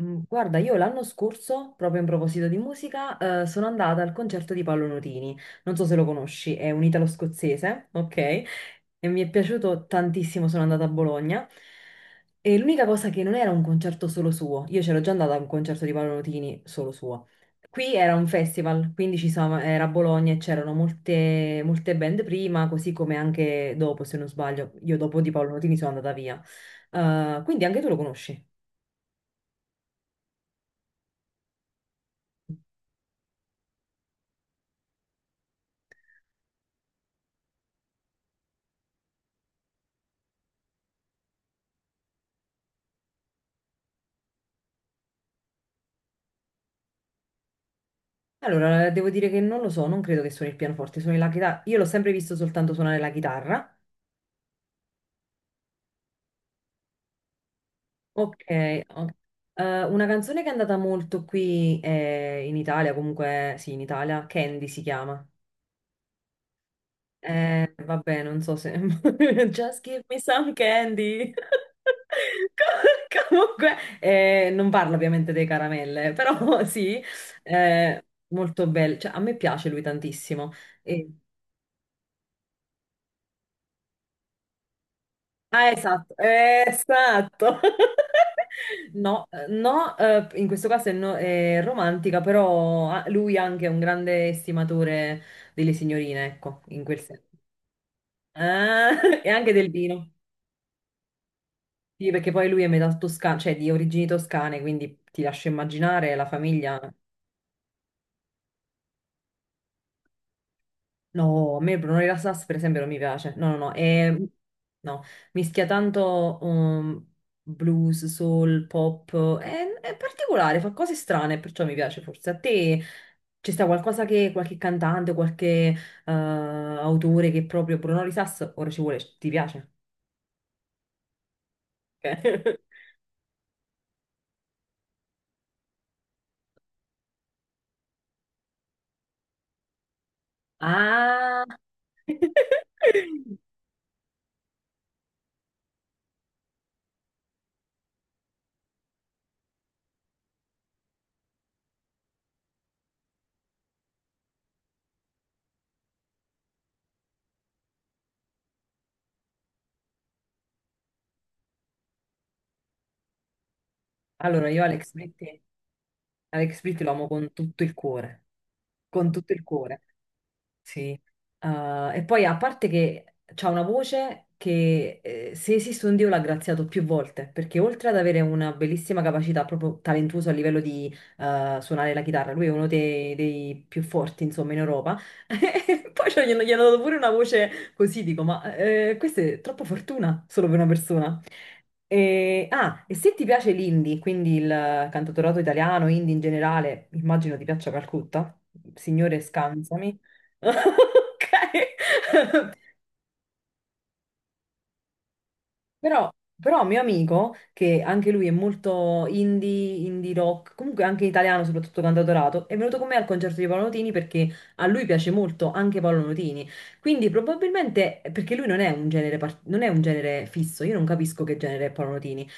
Guarda, io l'anno scorso, proprio in proposito di musica, sono andata al concerto di Paolo Nutini. Non so se lo conosci, è un italo-scozzese, ok? E mi è piaciuto tantissimo, sono andata a Bologna. E l'unica cosa che non era un concerto solo suo, io c'ero già andata a un concerto di Paolo Nutini solo suo. Qui era un festival, quindi era a Bologna e c'erano molte, molte band prima, così come anche dopo, se non sbaglio. Io dopo di Paolo Nutini sono andata via. Quindi anche tu lo conosci. Allora, devo dire che non lo so, non credo che suoni il pianoforte, suoni la chitarra. Io l'ho sempre visto soltanto suonare la chitarra. Ok, ok. Una canzone che è andata molto qui in Italia, comunque sì, in Italia, Candy si chiama. Vabbè, non so se... Just give me some candy. Comunque, non parlo ovviamente dei caramelle, però sì, molto bello. Cioè, a me piace lui tantissimo. Ah, esatto, esatto. No, no, in questo caso è, è romantica, però ah, lui anche è un grande estimatore delle signorine, ecco, in quel senso. Ah, e anche del vino. Sì, perché poi lui è metà toscano, cioè di origini toscane, quindi ti lascio immaginare la famiglia. No, a me Bruno Rilassas per esempio non mi piace. No, no, no. E, no. Mischia tanto blues, soul, pop. È particolare, fa cose strane, perciò mi piace forse. A te ci sta qualcosa che qualche cantante, qualche autore che proprio Bruno Risas, ora ci vuole, ti piace? Ok. Ah! Allora, io Alex Britti lo amo con tutto il cuore. Con tutto il cuore. Sì, e poi a parte che c'ha una voce che se esiste un Dio l'ha graziato più volte, perché oltre ad avere una bellissima capacità, proprio talentuoso a livello di suonare la chitarra, lui è uno dei più forti, insomma, in Europa. E poi cioè, gli hanno dato pure una voce così, dico, ma questa è troppa fortuna solo per una persona. E se ti piace l'indie, quindi il cantautorato italiano, indie in generale, immagino ti piaccia Calcutta, signore scansami. Ok. Però, però mio amico, che anche lui è molto indie, indie rock, comunque anche italiano, soprattutto cantautorato, è venuto con me al concerto di Paolo Nutini perché a lui piace molto anche Paolo Nutini. Quindi probabilmente, perché lui non è un genere, non è un genere fisso, io non capisco che genere è Paolo Nutini.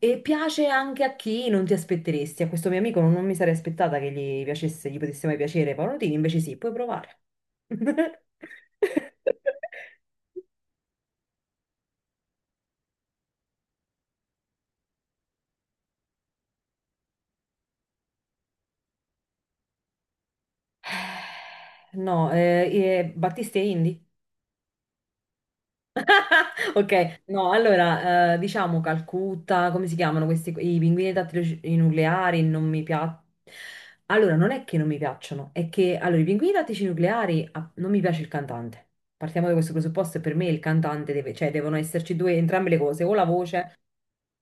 E piace anche a chi non ti aspetteresti. A questo mio amico non mi sarei aspettata che gli piacesse, gli potesse mai piacere Paolo Nutini, invece sì, puoi provare. No, Battisti e Indy? Ok, no, allora, diciamo Calcutta, come si chiamano questi, i pinguini tattici nucleari, non mi piacciono. Allora, non è che non mi piacciono, è che, allora, i pinguini tattici nucleari, ah, non mi piace il cantante. Partiamo da questo presupposto e per me il cantante deve, cioè devono esserci due, entrambe le cose, o la voce.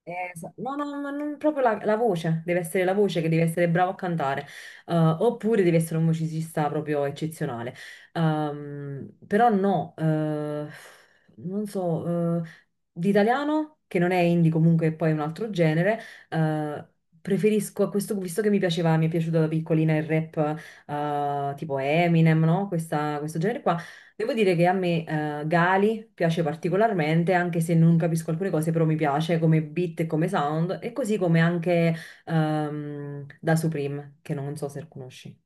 No, no, ma non proprio la voce, deve essere la voce che deve essere bravo a cantare, oppure deve essere un musicista proprio eccezionale. Però no, non so, l'italiano, che non è indie comunque, poi è un altro genere, eh, preferisco a questo, visto che mi piaceva, mi è piaciuto da piccolina il rap, tipo Eminem, no? Questo genere qua. Devo dire che a me Gali piace particolarmente, anche se non capisco alcune cose, però mi piace come beat e come sound, e così come anche da Supreme, che non so se conosci.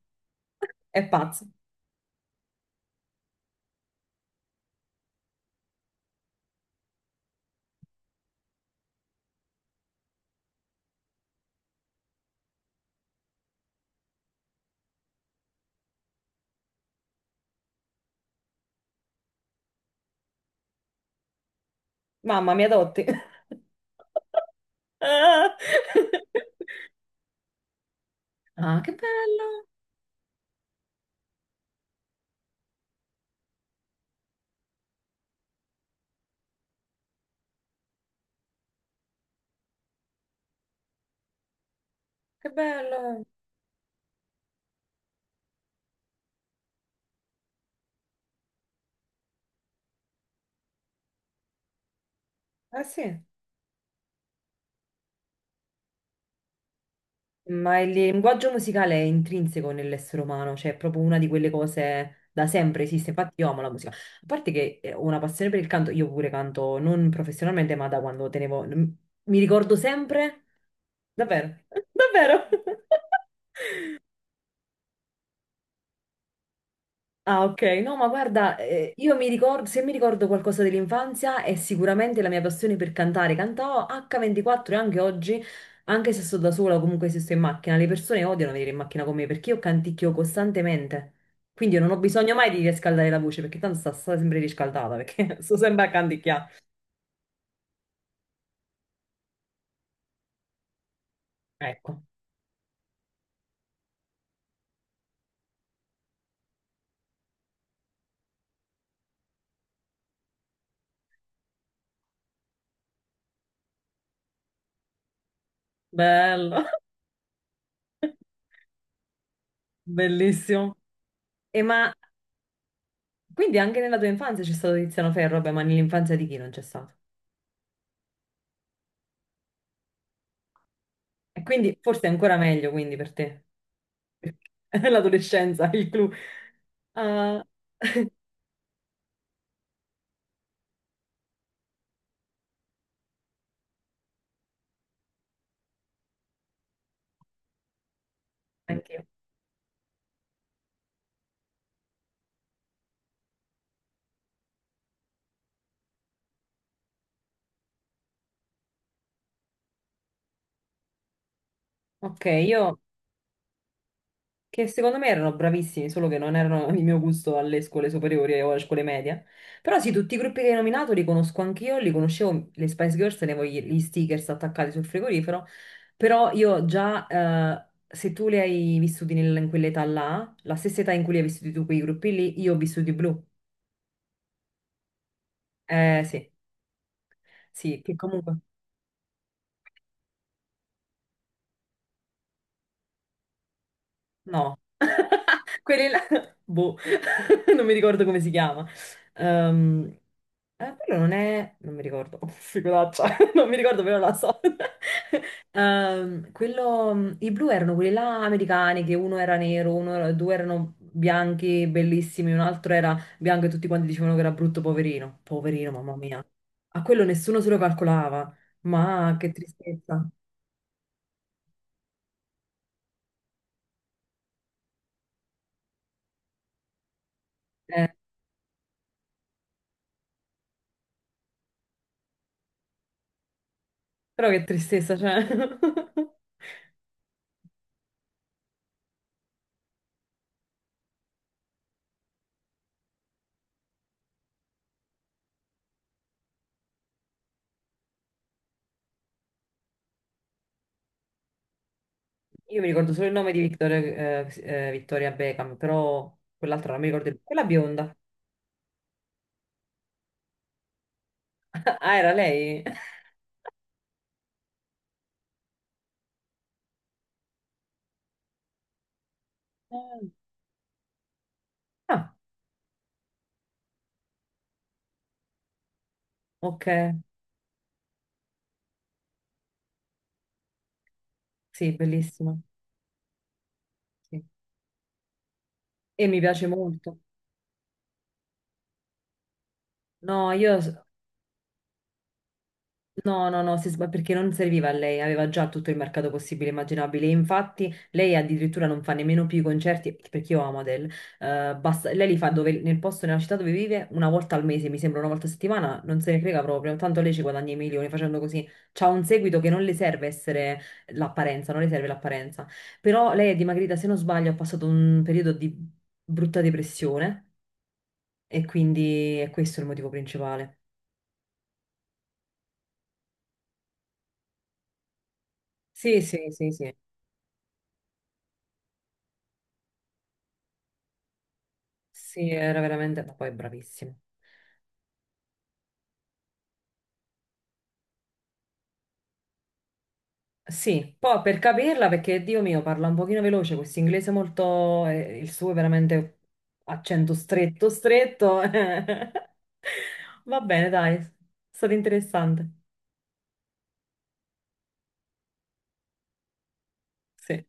È pazzo. Mamma, mi adotti. Ah, che bello, che bello. Eh sì. Ma il linguaggio musicale è intrinseco nell'essere umano, cioè è proprio una di quelle cose da sempre esiste. Infatti io amo la musica. A parte che ho una passione per il canto, io pure canto non professionalmente, ma da quando tenevo... Mi ricordo sempre... Davvero? Davvero? Ah, ok. No, ma guarda, io mi ricordo, se mi ricordo qualcosa dell'infanzia è sicuramente la mia passione per cantare. Cantavo H24 e anche oggi, anche se sto da sola o comunque se sto in macchina, le persone odiano venire in macchina con me perché io canticchio costantemente. Quindi io non ho bisogno mai di riscaldare la voce perché tanto sta sempre riscaldata perché sto sempre a canticchiare. Ecco, bello, bellissimo. E ma quindi anche nella tua infanzia c'è stato Tiziano Ferro, vabbè, ma nell'infanzia di chi non c'è stato? E quindi forse è ancora meglio quindi per te. L'adolescenza, il clou. Ah, anch'io. Ok, io che secondo me erano bravissimi, solo che non erano il mio gusto alle scuole superiori o alle scuole medie. Però sì, tutti i gruppi che hai nominato li conosco anch'io, li conoscevo, le Spice Girls, tenevo gli stickers attaccati sul frigorifero, però io già, se tu li hai vissuti in quell'età là, la stessa età in cui li hai vissuti tu quei gruppi lì, io ho vissuti i blu. Eh sì, sì, che comunque... No, quelli là, boh, non mi ricordo come si chiama. Ehm, Quello non è, non mi ricordo, oh, figuraccia, non mi ricordo però la so. I blu erano quelli là americani, che uno era nero, due erano bianchi, bellissimi, un altro era bianco e tutti quanti dicevano che era brutto, poverino. Poverino, mamma mia. A quello nessuno se lo calcolava, ma che tristezza. Eh, però che tristezza, cioè. Io mi ricordo solo il nome di Victoria Beckham, però quell'altra non mi ricordo. Quella bionda. Ah, era lei? Mm. Ah, ok. Sì, bellissima. Sì. E mi piace molto. No, No, no, no, perché non serviva a lei, aveva già tutto il mercato possibile e immaginabile. Infatti, lei addirittura non fa nemmeno più i concerti, perché io amo Adele. Lei li fa nel posto, nella città dove vive, una volta al mese, mi sembra una volta a settimana, non se ne frega proprio. Tanto lei ci guadagna i milioni facendo così. C'ha un seguito che non le serve essere l'apparenza, non le serve l'apparenza. Però lei è dimagrita, se non sbaglio, ha passato un periodo di brutta depressione e quindi è questo il motivo principale. Sì, sì, sì, sì. Sì, era veramente, ma poi è bravissimo. Sì, poi per capirla, perché Dio mio parla un pochino veloce, questo inglese molto, il suo è veramente accento stretto, stretto. Va bene, dai, è stato interessante. Sì.